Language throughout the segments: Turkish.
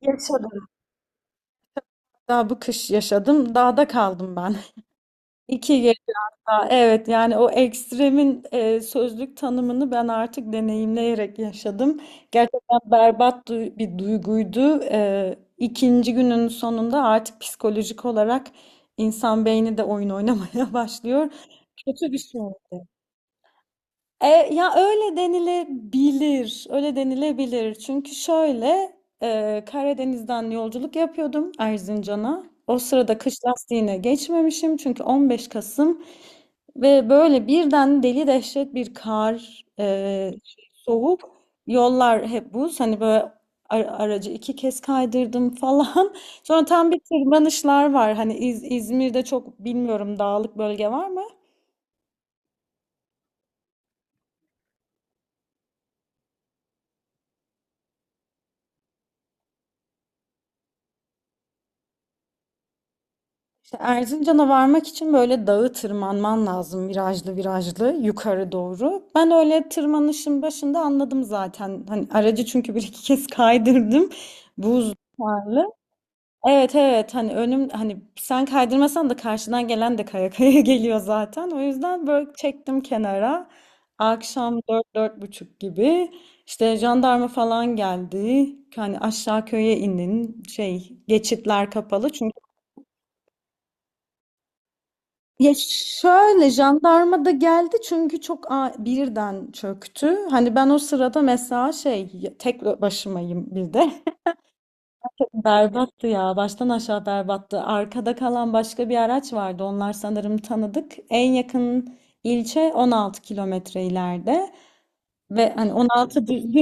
Yaşadım. Daha bu kış yaşadım. Dağda kaldım ben. 2 gece daha. Evet yani o ekstremin sözlük tanımını ben artık deneyimleyerek yaşadım. Gerçekten berbat bir duyguydu. İkinci günün sonunda artık psikolojik olarak insan beyni de oyun oynamaya başlıyor. Kötü bir şey. E, Ya öyle denilebilir, öyle denilebilir. Çünkü şöyle Karadeniz'den yolculuk yapıyordum Erzincan'a. O sırada kış lastiğine geçmemişim çünkü 15 Kasım ve böyle birden deli dehşet bir kar, soğuk, yollar hep buz. Hani böyle aracı 2 kez kaydırdım falan. Sonra tam bir tırmanışlar var. Hani İzmir'de çok bilmiyorum dağlık bölge var mı? İşte Erzincan'a varmak için böyle dağı tırmanman lazım virajlı virajlı yukarı doğru. Ben öyle tırmanışın başında anladım zaten. Hani aracı çünkü 1-2 kez kaydırdım. Buz varlı. Evet evet, hani önüm, hani sen kaydırmasan da karşıdan gelen de kaya kaya geliyor zaten. O yüzden böyle çektim kenara. Akşam dört dört buçuk gibi işte jandarma falan geldi. Hani aşağı köye inin, şey, geçitler kapalı. Ya, şöyle jandarma da geldi çünkü çok birden çöktü. Hani ben o sırada mesela şey, tek başımayım bir de. Berbattı ya, baştan aşağı berbattı. Arkada kalan başka bir araç vardı. Onlar sanırım tanıdık. En yakın ilçe 16 kilometre ileride. Ve hani 16 düz,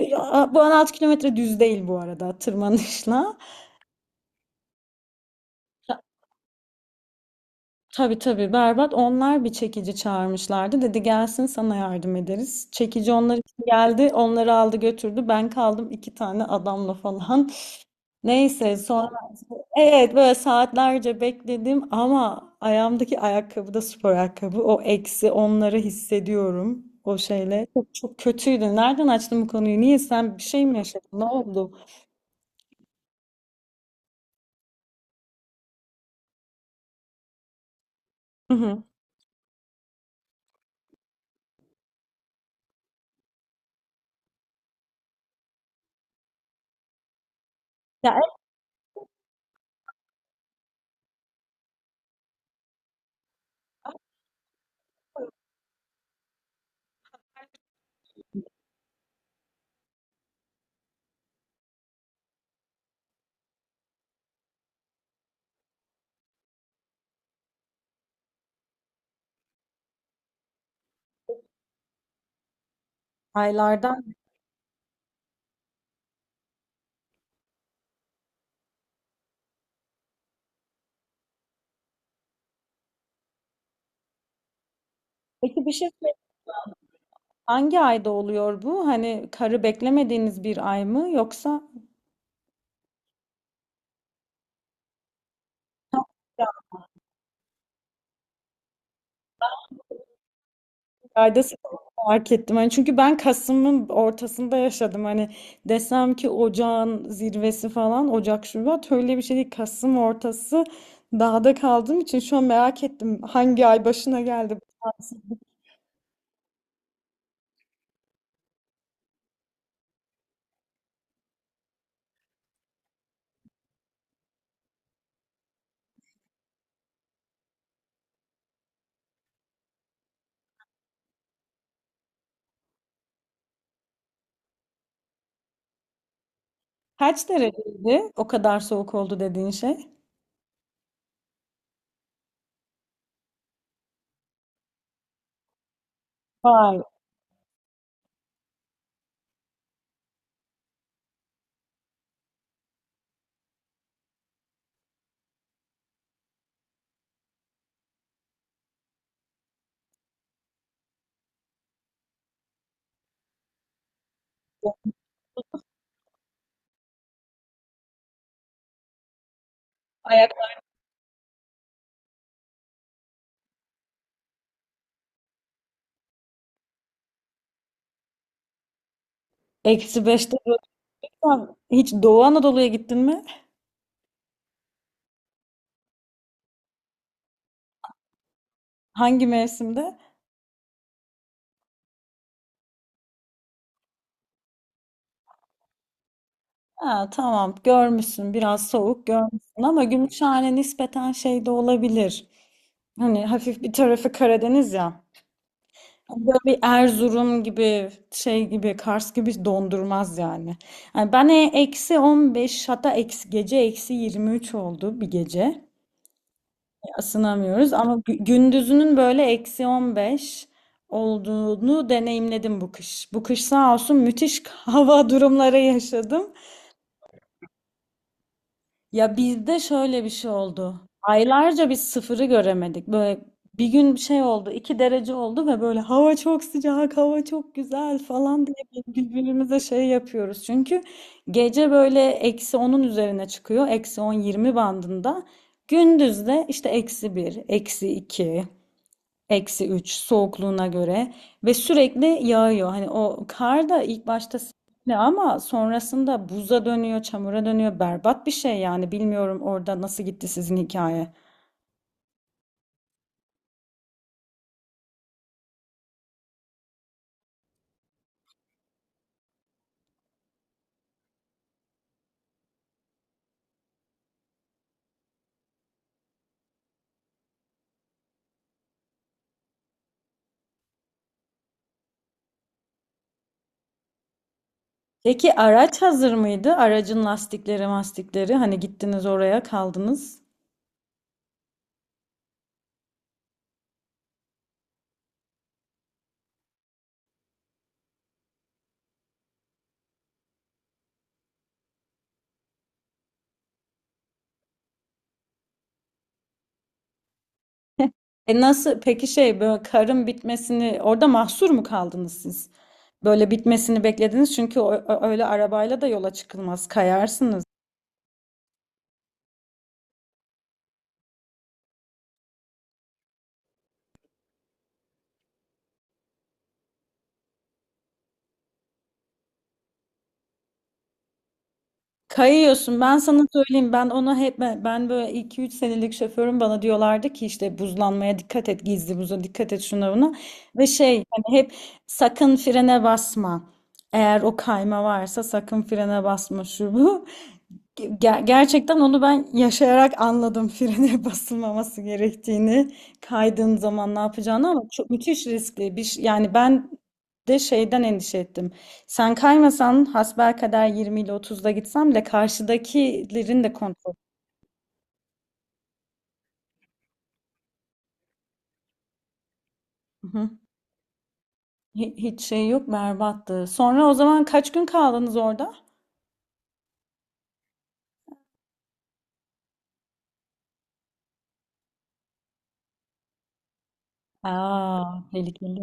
bu 16 kilometre düz değil bu arada, tırmanışla. Tabii tabii, berbat. Onlar bir çekici çağırmışlardı. Dedi gelsin sana yardım ederiz. Çekici onlar için geldi. Onları aldı götürdü. Ben kaldım 2 tane adamla falan. Neyse sonra, evet, böyle saatlerce bekledim ama ayağımdaki ayakkabı da spor ayakkabı. O eksi onları hissediyorum. O şeyle. Çok, çok kötüydü. Nereden açtın bu konuyu? Niye, sen bir şey mi yaşadın? Ne oldu? Hı hı. Ya, aylardan. Peki bir şey söyleyeyim. Hangi ayda oluyor bu? Hani karı beklemediğiniz bir ay mı, yoksa bir ayda sıkıntı fark ettim. Hani çünkü ben Kasım'ın ortasında yaşadım. Hani desem ki ocağın zirvesi falan, Ocak Şubat, öyle bir şey değil. Kasım ortası dağda kaldığım için şu an merak ettim hangi ay başına geldi bu tatsız. Kaç dereceydi o kadar soğuk oldu dediğin şey? Vay, ayak -5'te duruyorsan, hiç Doğu Anadolu'ya gittin mi? Hangi mevsimde? Ha, tamam, görmüşsün biraz, soğuk görmüşsün ama Gümüşhane nispeten şey de olabilir. Hani hafif bir tarafı Karadeniz ya. Böyle bir Erzurum gibi, şey gibi, Kars gibi dondurmaz yani. Yani ben eksi 15, hatta eksi gece eksi 23 oldu bir gece. Isınamıyoruz ama gündüzünün böyle eksi 15 olduğunu deneyimledim bu kış. Bu kış sağ olsun müthiş hava durumları yaşadım. Ya bizde şöyle bir şey oldu. Aylarca biz sıfırı göremedik. Böyle bir gün bir şey oldu, 2 derece oldu ve böyle hava çok sıcak, hava çok güzel falan diye birbirimize şey yapıyoruz. Çünkü gece böyle eksi onun üzerine çıkıyor, eksi on yirmi bandında. Gündüz de işte -1, -2. -3 soğukluğuna göre ve sürekli yağıyor. Hani o kar da ilk başta ne, ama sonrasında buza dönüyor, çamura dönüyor. Berbat bir şey yani. Bilmiyorum orada nasıl gitti sizin hikaye. Peki araç hazır mıydı? Aracın lastikleri, mastikleri. Hani gittiniz oraya kaldınız. E nasıl? Peki şey, böyle karın bitmesini, orada mahsur mu kaldınız siz? Böyle bitmesini beklediniz çünkü öyle arabayla da yola çıkılmaz. Kayarsınız. Kayıyorsun. Ben sana söyleyeyim. Ben ona hep, ben böyle 2-3 senelik şoförüm, bana diyorlardı ki işte buzlanmaya dikkat et, gizli buza dikkat et, şuna buna. Ve şey, hani hep sakın frene basma. Eğer o kayma varsa sakın frene basma, şu bu. Gerçekten onu ben yaşayarak anladım frene basılmaması gerektiğini, kaydığın zaman ne yapacağını, ama çok müthiş riskli. Bir, yani ben de şeyden endişe ettim. Sen kaymasan hasbelkader 20 ile 30'da gitsem bile, karşıdakilerin de kontrol. Hı hı. Hiç şey yok, berbattı. Sonra, o zaman kaç gün kaldınız orada? Aa, tehlikeli.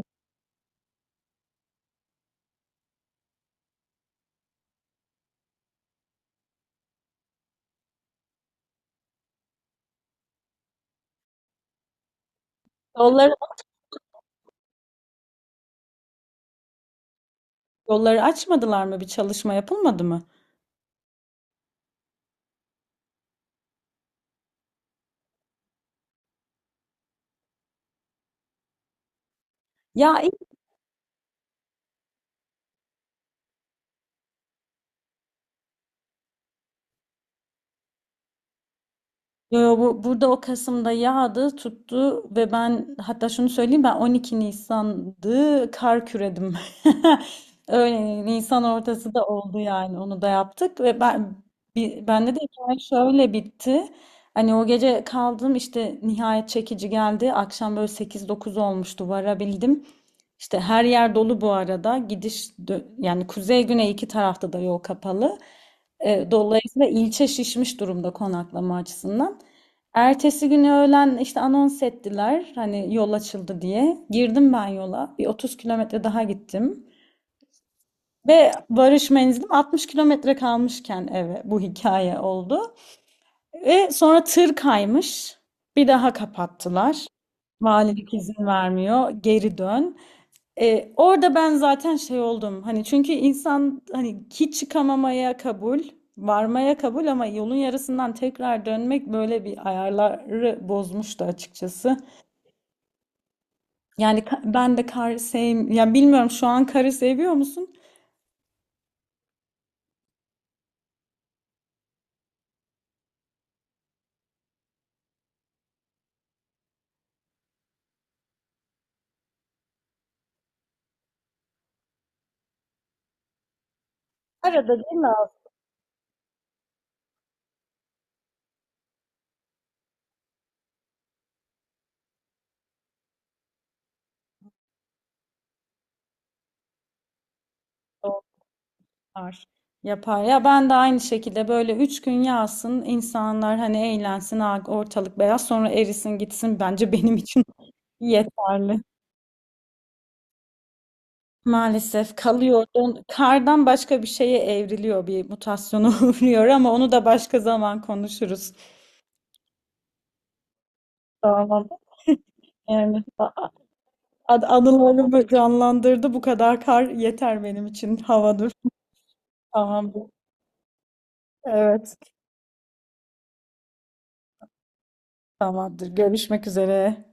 Yolları, yolları açmadılar mı? Bir çalışma yapılmadı mı? Ya, yo, yo, burada o Kasım'da yağdı, tuttu ve ben hatta şunu söyleyeyim, ben 12 Nisan'dı kar küredim. Öyle Nisan ortası da oldu yani, onu da yaptık. Ve ben, bende de hikaye şöyle bitti. Hani o gece kaldım, işte nihayet çekici geldi. Akşam böyle sekiz dokuz olmuştu varabildim. İşte her yer dolu bu arada. Yani kuzey güney iki tarafta da yol kapalı. Dolayısıyla ilçe şişmiş durumda konaklama açısından. Ertesi günü öğlen işte anons ettiler hani yol açıldı diye. Girdim ben yola. Bir 30 kilometre daha gittim. Ve varış menzilim 60 kilometre kalmışken eve bu hikaye oldu. Ve sonra tır kaymış. Bir daha kapattılar. Valilik izin vermiyor. Geri dön. Orada ben zaten şey oldum. Hani çünkü insan hani hiç çıkamamaya kabul, varmaya kabul, ama yolun yarısından tekrar dönmek böyle bir ayarları bozmuştu açıkçası. Yani ben de karı sevim, ya bilmiyorum, şu an karı seviyor musun? Arada değil mi abi, onlar yapar. Ya ben de aynı şekilde, böyle 3 gün yağsın, insanlar hani eğlensin, ha, ortalık beyaz, sonra erisin gitsin, bence benim için yeterli. Maalesef kalıyor. Kardan başka bir şeye evriliyor, bir mutasyona uğruyor, ama onu da başka zaman konuşuruz. Tamam. Yani anılarımı canlandırdı. Bu kadar kar yeter benim için. Havadır. Tamamdır. Evet. Tamamdır. Görüşmek üzere.